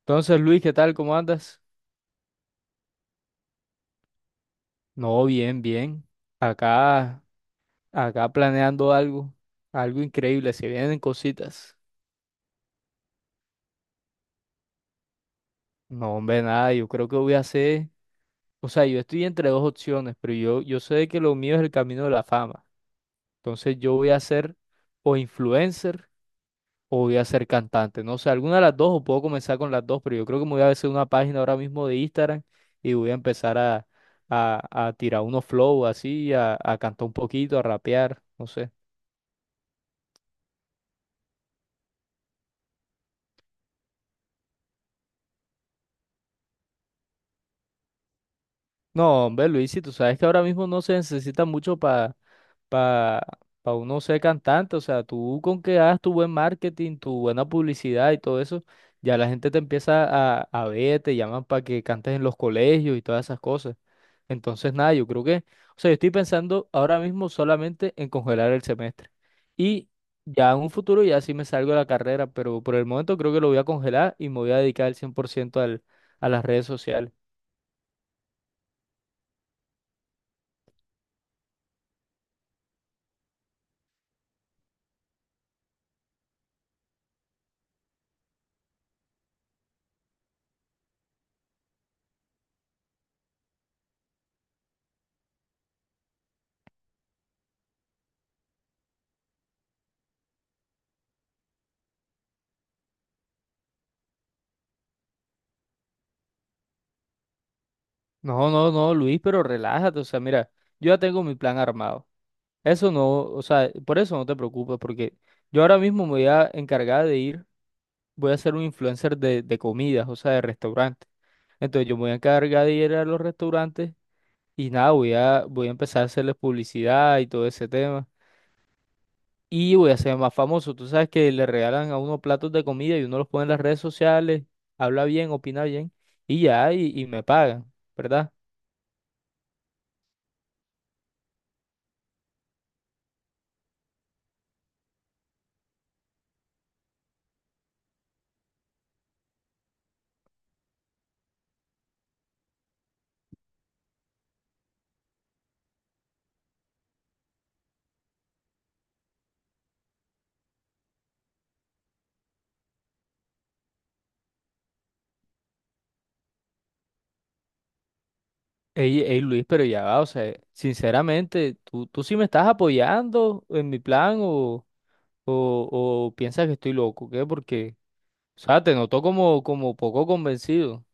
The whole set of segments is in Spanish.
Entonces, Luis, ¿qué tal? ¿Cómo andas? No, bien, bien. Acá, acá planeando algo, algo increíble. Se vienen cositas. No, hombre, nada. Yo creo que voy a hacer, o sea, yo estoy entre dos opciones, pero yo sé que lo mío es el camino de la fama. Entonces, yo voy a ser o influencer o voy a ser cantante. No sé, alguna de las dos o puedo comenzar con las dos, pero yo creo que me voy a hacer una página ahora mismo de Instagram y voy a empezar a tirar unos flow así, a cantar un poquito, a rapear. No sé. No, hombre, Luis, si tú sabes que ahora mismo no se necesita mucho para pa uno ser cantante, o sea, tú con que hagas tu buen marketing, tu buena publicidad y todo eso, ya la gente te empieza a ver, te llaman para que cantes en los colegios y todas esas cosas. Entonces, nada, yo creo que, o sea, yo estoy pensando ahora mismo solamente en congelar el semestre. Y ya en un futuro ya sí me salgo de la carrera, pero por el momento creo que lo voy a congelar y me voy a dedicar el 100% al, a las redes sociales. No, no, no, Luis, pero relájate, o sea, mira, yo ya tengo mi plan armado. Eso no, o sea, por eso no te preocupes, porque yo ahora mismo me voy a encargar de ir, voy a ser un influencer de comidas, o sea, de restaurantes. Entonces yo me voy a encargar de ir a los restaurantes y nada, voy a empezar a hacerles publicidad y todo ese tema. Y voy a ser más famoso. Tú sabes que le regalan a uno platos de comida y uno los pone en las redes sociales, habla bien, opina bien, y ya, y me pagan, ¿verdad? Ey, ey, Luis, pero ya va, o sea, sinceramente, ¿tú sí me estás apoyando en mi plan o, o piensas que estoy loco? ¿Qué? Porque, o sea, te noto como, como poco convencido.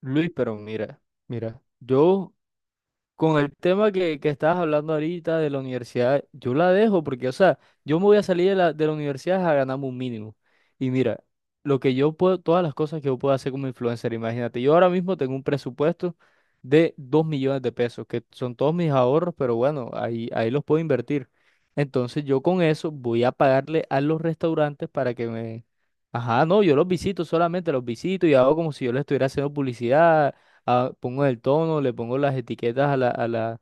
Luis, pero mira, mira, yo. Con el tema que estabas hablando ahorita de la universidad, yo la dejo porque, o sea, yo me voy a salir de la universidad a ganarme un mínimo. Y mira, lo que yo puedo, todas las cosas que yo puedo hacer como influencer, imagínate, yo ahora mismo tengo un presupuesto de 2 millones de pesos, que son todos mis ahorros, pero bueno, ahí los puedo invertir. Entonces yo con eso voy a pagarle a los restaurantes para que me... Ajá, no, yo los visito solamente, los visito y hago como si yo les estuviera haciendo publicidad, pongo el tono, le pongo las etiquetas a la, a la,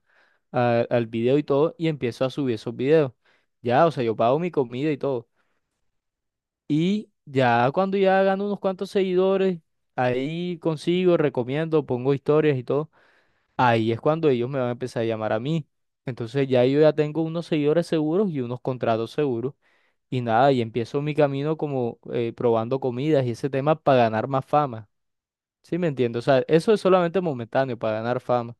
a- al video y todo, y empiezo a subir esos videos. Ya, o sea, yo pago mi comida y todo. Y ya cuando ya gano unos cuantos seguidores, ahí consigo, recomiendo, pongo historias y todo. Ahí es cuando ellos me van a empezar a llamar a mí. Entonces ya yo ya tengo unos seguidores seguros y unos contratos seguros. Y nada, y empiezo mi camino como probando comidas y ese tema para ganar más fama. ¿Sí me entiendes? O sea, eso es solamente momentáneo para ganar fama.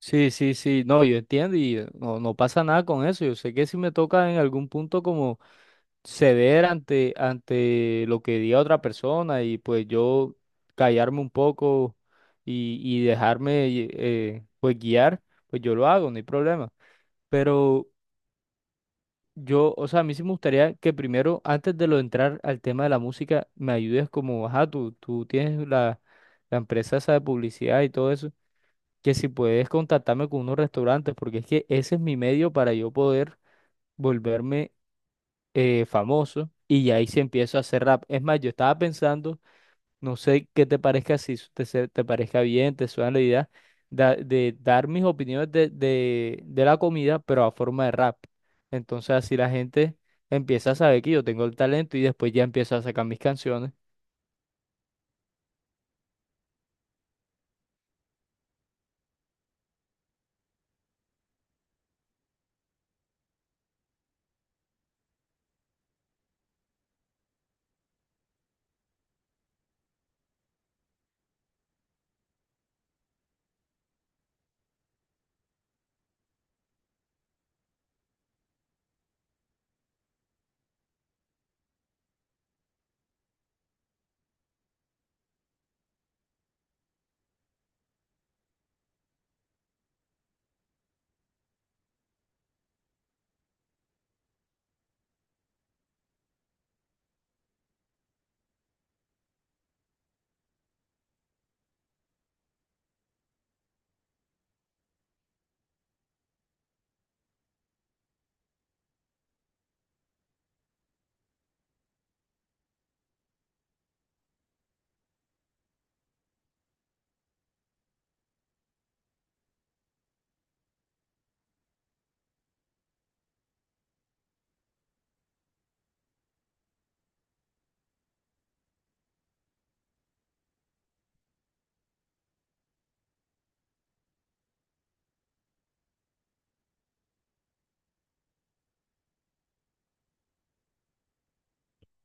Sí, sí, sí, no, yo entiendo y no, no pasa nada con eso. Yo sé que si me toca en algún punto como ceder ante, ante lo que diga otra persona y pues yo callarme un poco y dejarme pues guiar, pues yo lo hago, no hay problema. Pero yo, o sea, a mí sí me gustaría que primero, antes de lo entrar al tema de la música, me ayudes como, ajá, tú tienes la empresa esa de publicidad y todo eso que si puedes contactarme con unos restaurantes, porque es que ese es mi medio para yo poder volverme famoso y ya ahí se empiezo a hacer rap. Es más, yo estaba pensando, no sé qué te parezca, si te parezca bien, te suena la idea, de dar mis opiniones de la comida, pero a forma de rap. Entonces así la gente empieza a saber que yo tengo el talento y después ya empiezo a sacar mis canciones.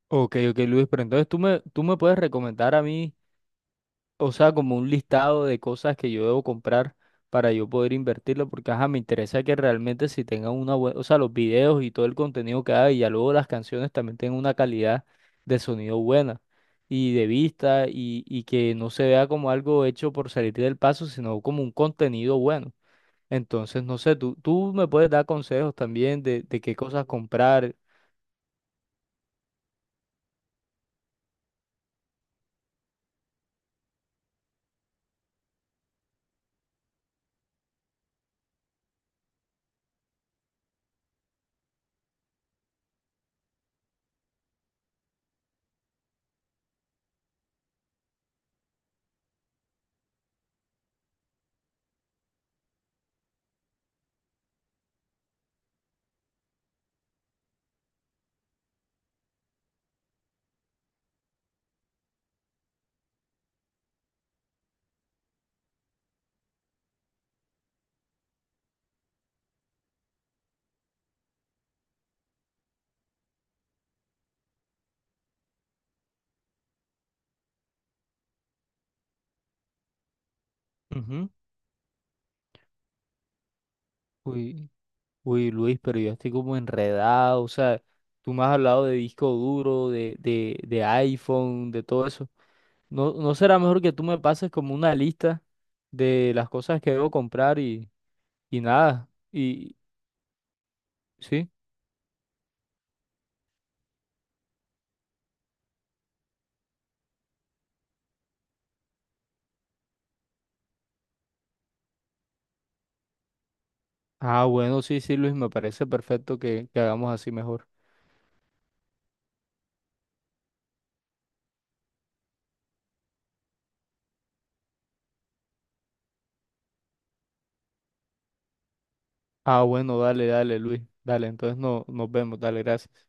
Ok, ok, Luis, pero entonces tú me puedes recomendar a mí, o sea, como un listado de cosas que yo debo comprar para yo poder invertirlo, porque ajá, me interesa que realmente si tengan una buena, o sea, los videos y todo el contenido que hay, y ya luego las canciones también tengan una calidad de sonido buena y de vista y que no se vea como algo hecho por salir del paso, sino como un contenido bueno. Entonces, no sé, tú me puedes dar consejos también de qué cosas comprar. Ujú. Uy, Uy, Luis, pero yo estoy como enredado, o sea, tú me has hablado de disco duro, de iPhone, de todo eso. ¿No, no será mejor que tú me pases como una lista de las cosas que debo comprar y nada? Y, ¿sí? Ah, bueno, sí, sí, Luis, me parece perfecto que hagamos así mejor. Ah, bueno, dale, dale, Luis, dale, entonces no, nos vemos, dale, gracias.